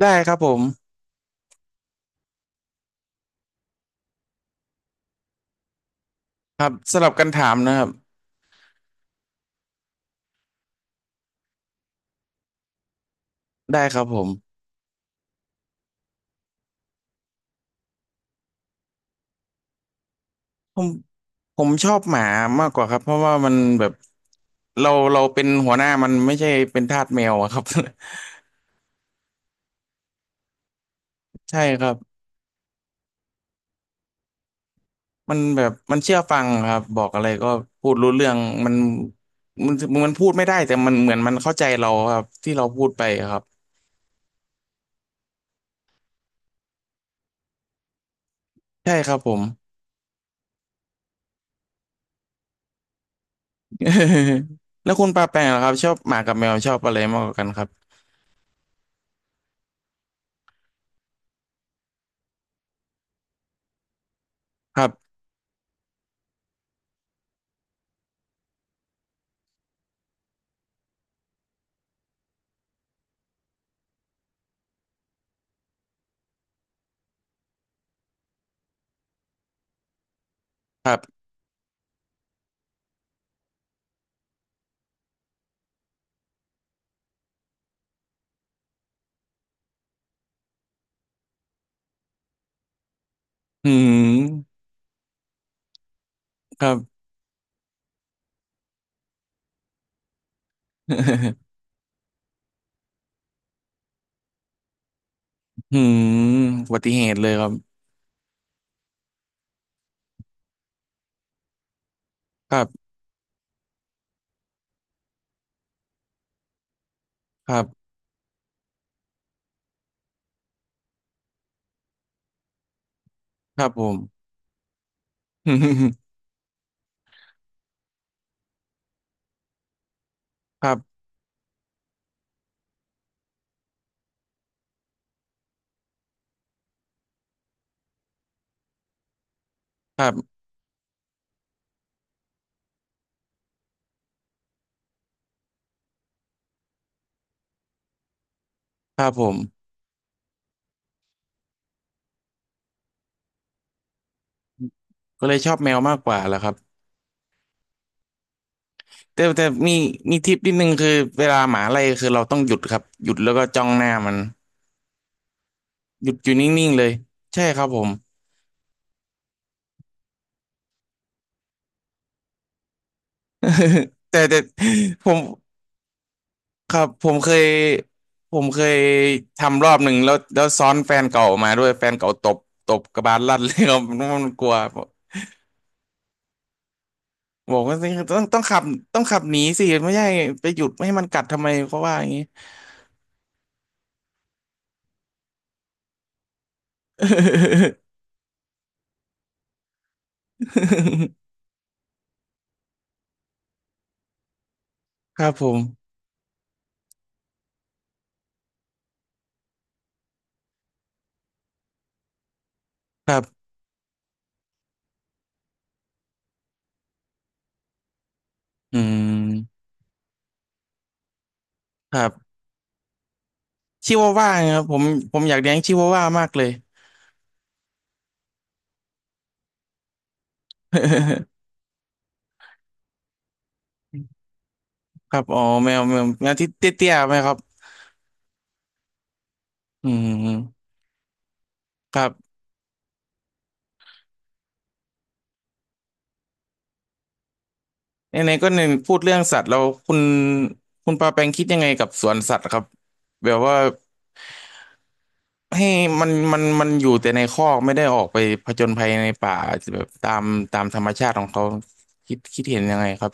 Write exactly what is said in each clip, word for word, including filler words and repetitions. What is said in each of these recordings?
ได้ครับผมครับสลับกันถามนะครับได้ครับผมผมผมชอบหมามากกว่าครับเพราะว่ามันแบบเราเราเป็นหัวหน้ามันไม่ใช่เป็นทาสแมวอะครับ ใช่ครับมันแบบมันเชื่อฟังครับบอกอะไรก็พูดรู้เรื่องมันมันมันพูดไม่ได้แต่มันเหมือนมันเข้าใจเราครับที่เราพูดไปครับใช่ครับผม แล้วคุณปาแปงล่ะครับชอบหมากับแมวชอบอะไรมากกว่ากันครับครับครับอืมครับ อืมอุบัติเหตุเลยครับครับครับครับผม ครับครับครับผมก็เลยชอบแมวมากกว่าแหละครับแต่แต่มีมีทิปนิดนึงคือเวลาหมาไล่คือเราต้องหยุดครับหยุดแล้วก็จ้องหน้ามันหยุดอยู่นิ่งๆเลยใช่ครับผม แต่แต่ผมครับผมเคยผมเคยทำรอบหนึ่งแล้วแล้วซ้อนแฟนเก่ามาด้วยแฟนเก่าตบตบกระบาลลั่นเลยครับ มันมันกลัว บอกว่าสิต้องต้องขับต้องขับหนีสิไม่ใช่ไปหยุดไม่ให้มันกัดทำไมเขาว่าอย่างนี้ ครับผมครับอืมครับชิวาว่าครับผมผมอยากเลี้ยงชิวาว่ามากเลย ครับอ๋อแมวแมวแมวที่เตี้ยๆไหมครับอืมครับไหนๆก็หนึ่งพูดเรื่องสัตว์แล้วคุณคุณปาแปงคิดยังไงกับสวนสัตว์ครับแบบว่า ให้มันมันมันอยู่แต่ในคอกไม่ได้ออกไปผจญภัยในป่าแบบตามตามธรรมชาติของเขาคิดคิดเห็นยังไงครับ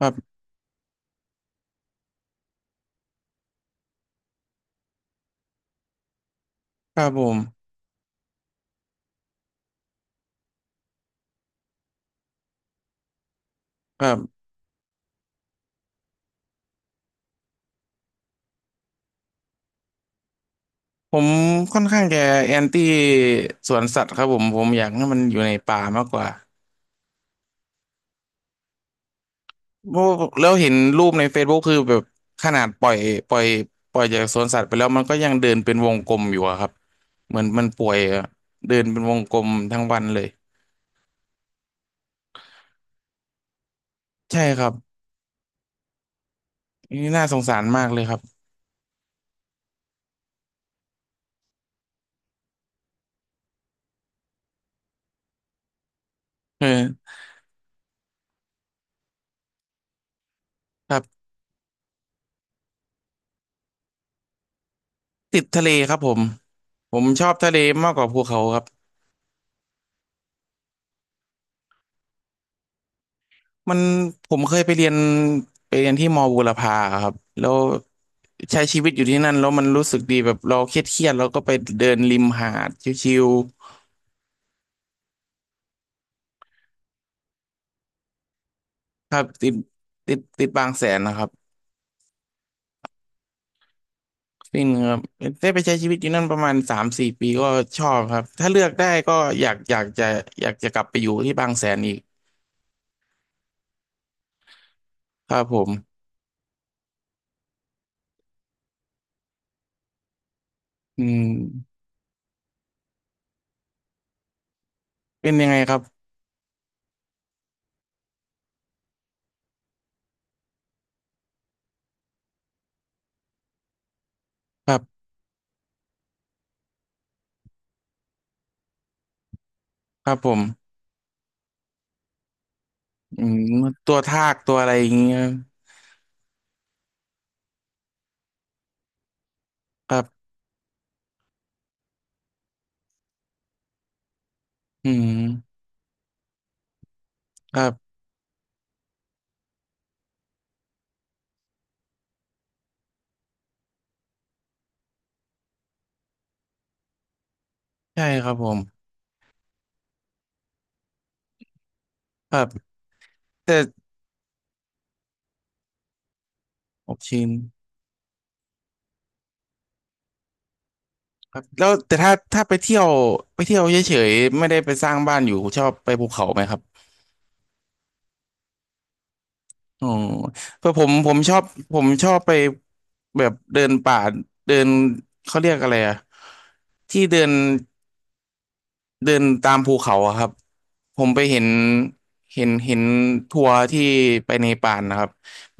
ครับครับผมครับผมค่อนข้างจะแอนตี้สวนสัตว์ครับผมผมอยากให้มันอยู่ในป่ามากกว่าเพราะแล้วเห็นรูปใน Facebook คือแบบขนาดปล่อยปล่อยปล่อยจากสวนสัตว์ไปแล้วมันก็ยังเดินเป็นวงกลมอยู่อะครับเหมือนมันป่วยอะเดินเป็นวงกลมทั้งวันเลยใช่ครับนี่น่าสงสารมากเลยครับเออครับ ติดทะเลครับผมผมชอบทะเลมากกว่าภูเขาครับมันผมเคยไปเรียนไปเรียนที่มอบูรพาครับแล้วใช้ชีวิตอยู่ที่นั่นแล้วมันรู้สึกดีแบบเราเครียดเครียดแล้วก็ไปเดินริมหาดชิวๆครับติดติดติดบางแสนนะครับฟินครับได้ไปใช้ชีวิตอยู่นั่นประมาณสามสี่ปีก็ชอบครับถ้าเลือกได้ก็อยากอยากจะอยากจะกลับไปอยู่ที่บางแสนอีกครับผมอืมเป็นยังไงครับครับครับผม อืมตัวทากตัวอะไรอย่างเงี้ยครับอืมครับใช่ครับผมครับแต่โอเคครับแล้วแต่ถ้าถ้าไปเที่ยวไปเที่ยวเฉยๆไม่ได้ไปสร้างบ้านอยู่ชอบไปภูเขาไหมครับอ๋อเพราะผมผมชอบผมชอบไปแบบเดินป่าเดินเขาเรียกอะไรอะที่เดิน เดินตามภูเขาอะครับผมไปเห็นเห็นเห็นทัวร์ที่ไปเนปาลนะครับ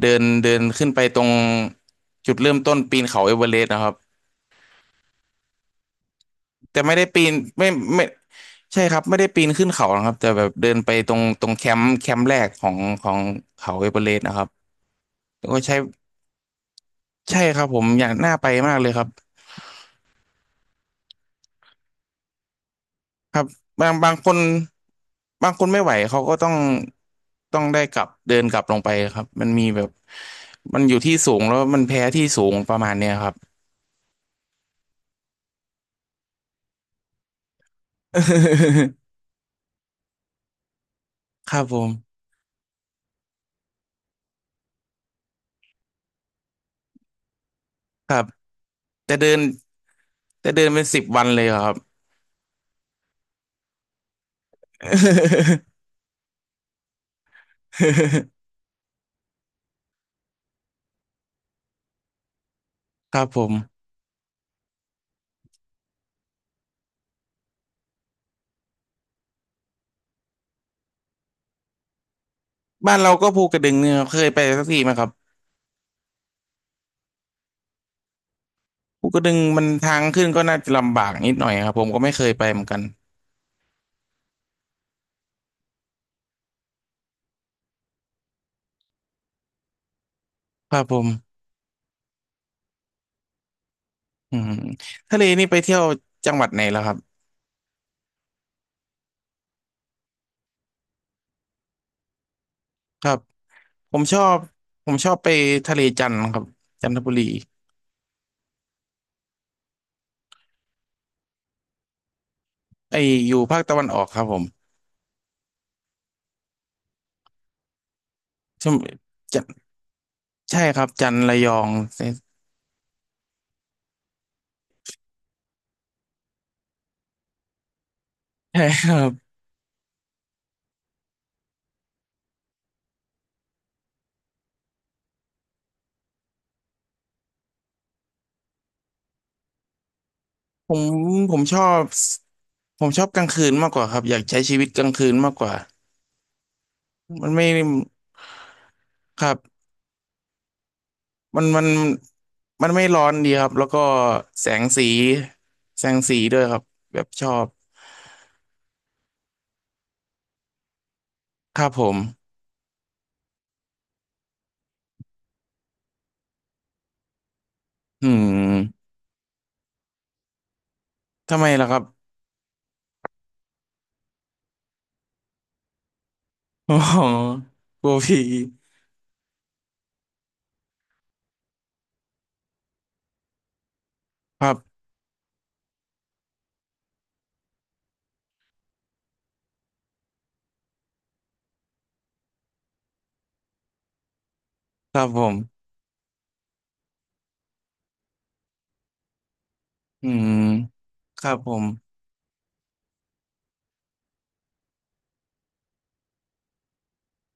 เดินเดินขึ้นไปตรงจุดเริ่มต้นปีนเขาเอเวอเรสต์นะครับแต่ไม่ได้ปีนไม่ไม่ใช่ครับไม่ได้ปีนขึ้นเขานะครับแต่แบบเดินไปตรงตรงแคมป์แคมป์แรกของของเขาเอเวอเรสต์นะครับแล้วก็ใช้ใช่ครับผมอยากน่าไปมากเลยครับ ครับบางบางคนบางคนไม่ไหวเขาก็ต้องต้องได้กลับเดินกลับลงไปครับมันมีแบบมันอยู่ที่สูงแล้วมันแพ้ที่สูงประมาณเนี้ยครับ ครับผมครับแต่เดินแต่เดินเป็นสิบวันเลยเหรอครับ ครับผมบ้านเราก็ภูกระดึงเนี่ยครับเคยไปสักทีไหมครับภูกระดึงมันทางขึ้นก็น่าจะลำบากนิดหน่อยครับผมก็ไม่เคยไปเหมือนกันครับผมอืมทะเลนี่ไปเที่ยวจังหวัดไหนแล้วครับครับ ผมชอบผมชอบไปทะเลจันทร์ครับจันทบุรีไออยู่ภาคตะวันออกครับผมชมจะใช่ครับจันทร์ระยองใช่ใช่ครับผมผมชอบผมชอบกลางคืนมากกว่าครับอยากใช้ชีวิตกลางคืนมากกว่ามันไม่ครับมันมันมันไม่ร้อนดีครับแล้วก็แสงสีแสงสีด้วยครับแบบชอบครับผมอืมทำไมล่ะครับ โอ๋อกลัวผีครับครับผม อืมครับผม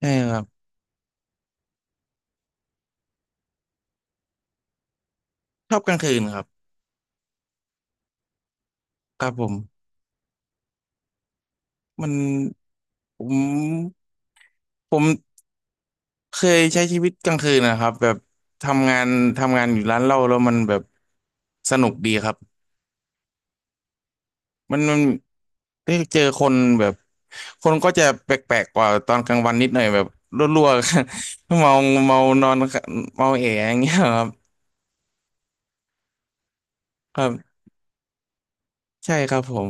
ใช่ครับชอบกลางคืนครับครับผมมันผมผมเคยใช้ชีวิตกลางคืนนะครับแบบทำงานทำงานอยู่ร้านเหล้าแล้วมันแบบสนุกดีครับมันมันได้เจอคนแบบคนก็จะแปลกๆกว่าตอนกลางวันนิดหน่อยแบบรั่วๆ เมาเมานอนเมาเอะอย่างเงี้ยครับครับใช่ครับผม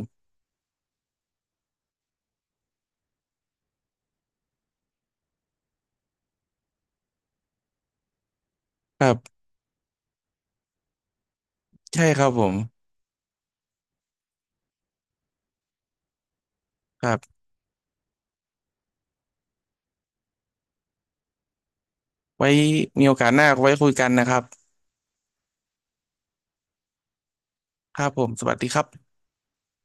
ครับใช่ครับผมครับไว้มีโอกาสหน้าไว้คุยกันนะครับ ครับผมสวัสดีครับ